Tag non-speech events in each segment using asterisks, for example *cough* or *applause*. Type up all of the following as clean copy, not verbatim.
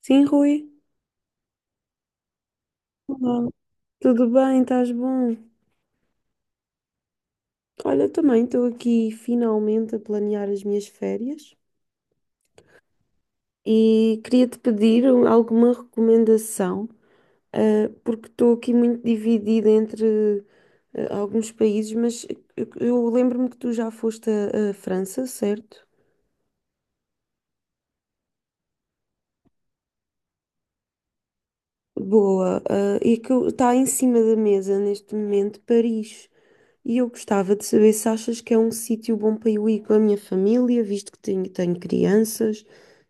Sim, Rui. Olá, tudo bem? Estás bom? Olha, também estou aqui finalmente a planear as minhas férias e queria-te pedir alguma recomendação, porque estou aqui muito dividida entre alguns países, mas eu lembro-me que tu já foste à França, certo? Boa. E que está em cima da mesa neste momento Paris. E eu gostava de saber se achas que é um sítio bom para eu ir com a minha família, visto que tenho crianças,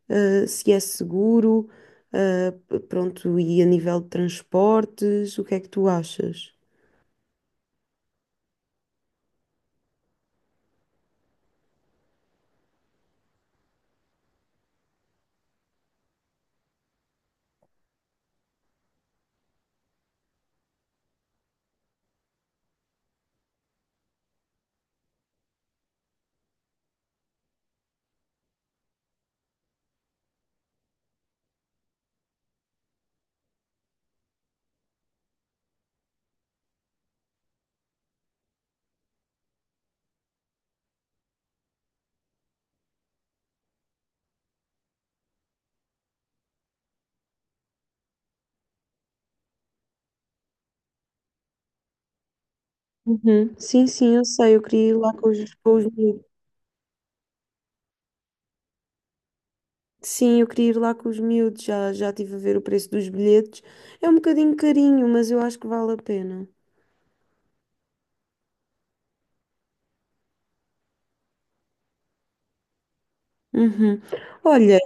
se é seguro, pronto, e a nível de transportes, o que é que tu achas? Uhum. Sim, sim, eu sei, eu queria ir lá com os miúdos. Sim, eu queria ir lá com os miúdos, já, já estive a ver o preço dos bilhetes. É um bocadinho carinho, mas eu acho que vale a pena. Uhum. Olha,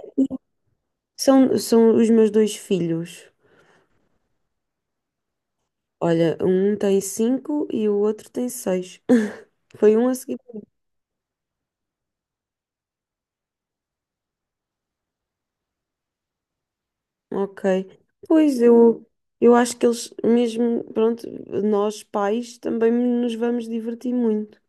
são, são os meus dois filhos. Olha, um tem cinco e o outro tem seis. *laughs* Foi um a seguir. Ok. Pois eu, eu acho que eles, mesmo, pronto, nós pais também nos vamos divertir muito.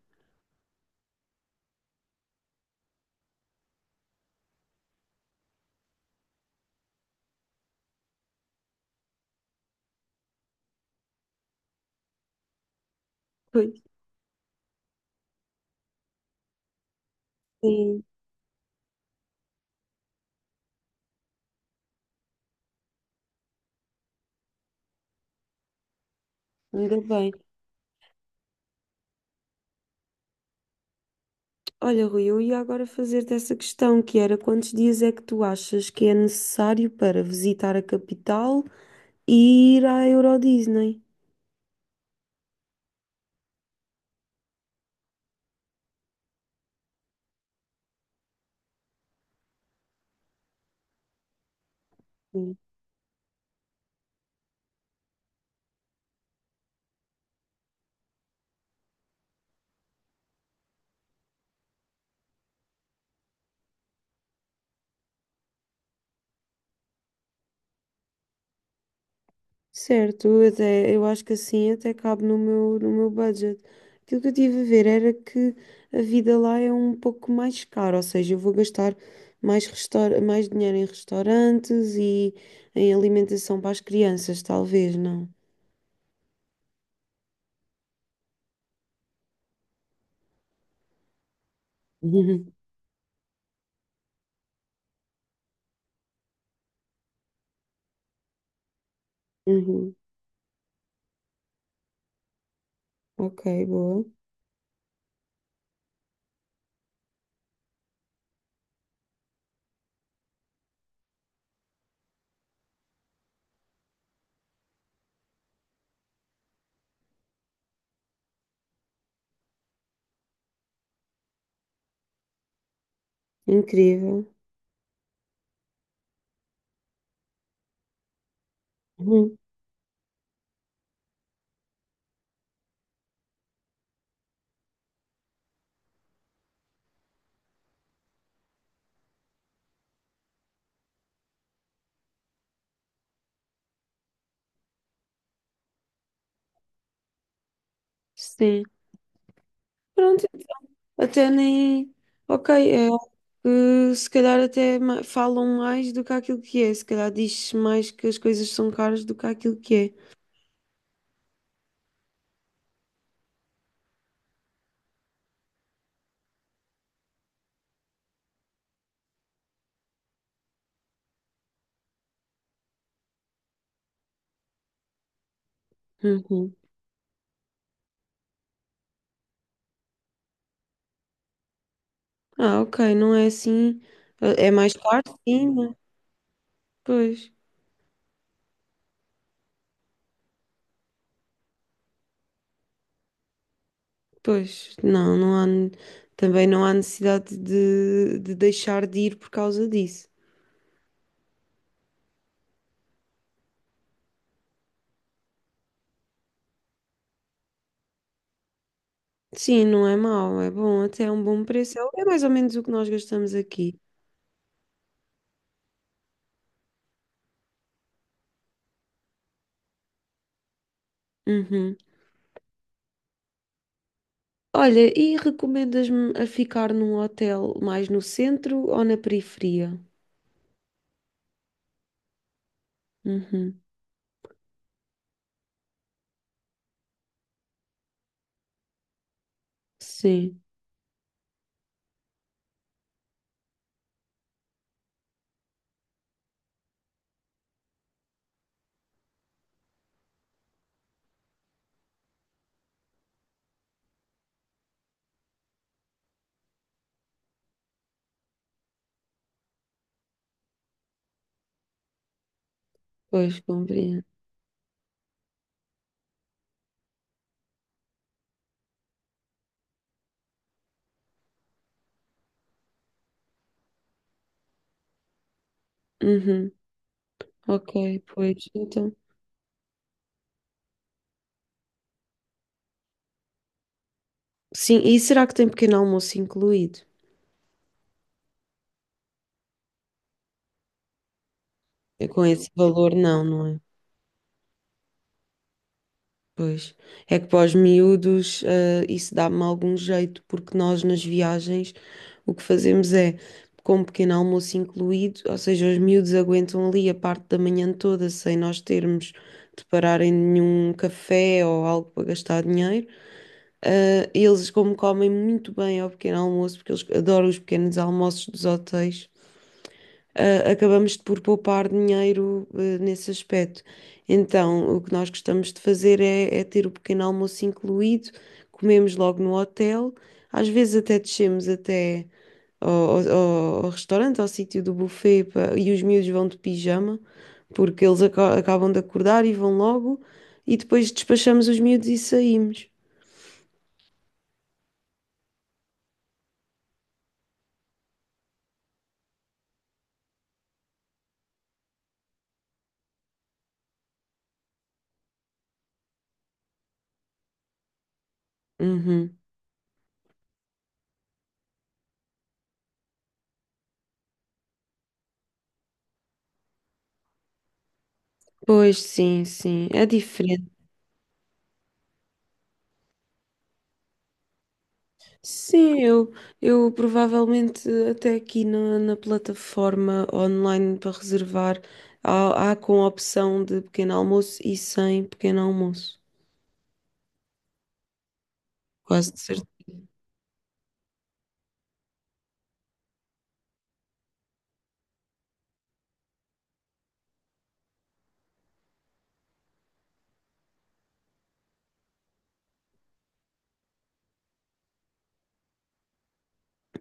Pois. Sim, ainda bem. Olha, Rui, eu ia agora fazer-te essa questão, que era quantos dias é que tu achas que é necessário para visitar a capital e ir à Euro Disney? Certo, eu acho que assim até cabe no meu budget. Aquilo que eu tive a ver era que a vida lá é um pouco mais cara, ou seja, eu vou gastar mais dinheiro em restaurantes e em alimentação para as crianças, talvez, não? *laughs* Uhum. Uhum. Ok, boa. Incrível. Uhum. Sim. Pronto, até nem. Ok, é algo que se calhar falam mais do que aquilo que é. Se calhar diz-se mais que as coisas são caras do que aquilo que é. Uhum. Ah, ok, não é assim. É, é mais caro, sim, mas pois, pois. Também não há necessidade de deixar de ir por causa disso. Sim, não é mau, é bom, até é um bom preço. É, é mais ou menos o que nós gastamos aqui. Uhum. Olha, e recomendas-me a ficar num hotel mais no centro ou na periferia? Uhum. Sim, pois compreendo. Uhum. Ok, pois então. Sim, e será que tem pequeno almoço incluído? É, com esse valor, não, não é? Pois. É que para os miúdos, isso dá-me algum jeito, porque nós nas viagens o que fazemos é, com um pequeno almoço incluído, ou seja, os miúdos aguentam ali a parte da manhã toda sem nós termos de parar em nenhum café ou algo para gastar dinheiro. Eles, como comem muito bem ao pequeno almoço, porque eles adoram os pequenos almoços dos hotéis, acabamos por poupar dinheiro, nesse aspecto. Então, o que nós gostamos de fazer é, é ter o pequeno almoço incluído, comemos logo no hotel, às vezes até descemos até ao restaurante, ao sítio do buffet, e os miúdos vão de pijama, porque eles acabam de acordar e vão logo, e depois despachamos os miúdos e saímos. Uhum. Pois, sim, sim, é diferente. Sim, eu, eu provavelmente até aqui na plataforma online para reservar, há com a opção de pequeno almoço e sem pequeno almoço. Quase de certeza.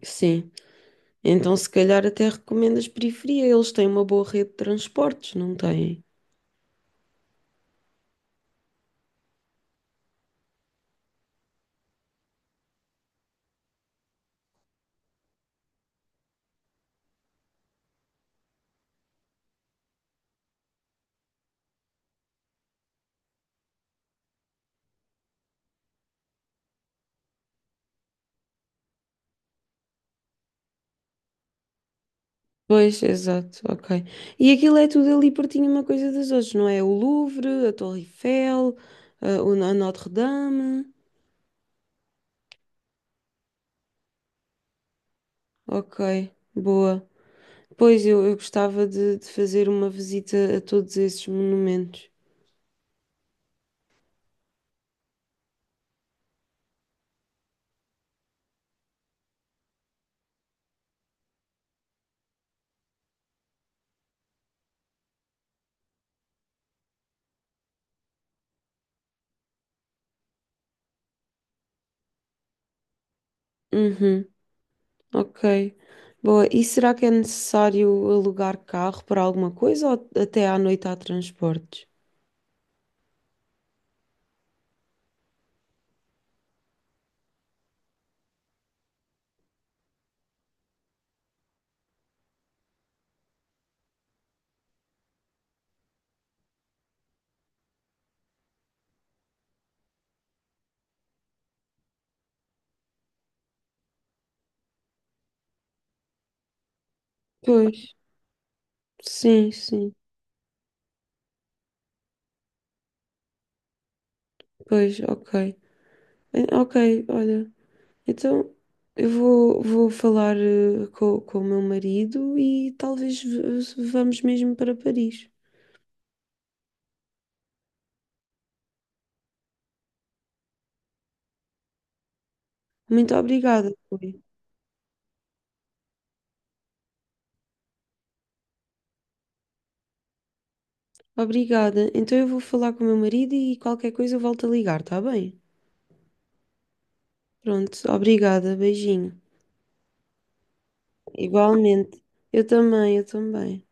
Sim. Então, se calhar até recomendo as periferia. Eles têm uma boa rede de transportes, não têm? Pois, exato, ok. E aquilo é tudo ali pertinho uma coisa das outras, não é? O Louvre, a Torre Eiffel, a Notre-Dame. Ok, boa. Eu gostava de fazer uma visita a todos esses monumentos. Uhum, ok. Boa. E será que é necessário alugar carro para alguma coisa ou até à noite há transportes? Pois, sim, sim. Pois, ok. Ok, olha. Então vou falar com o meu marido e vamos mesmo para Paris. Muito obrigada. Obrigada. Então eu vou falar com o meu marido e qualquer coisa eu volto a ligar, tá bem? Pronto, obrigada, beijinho. Igualmente. Eu também, eu também.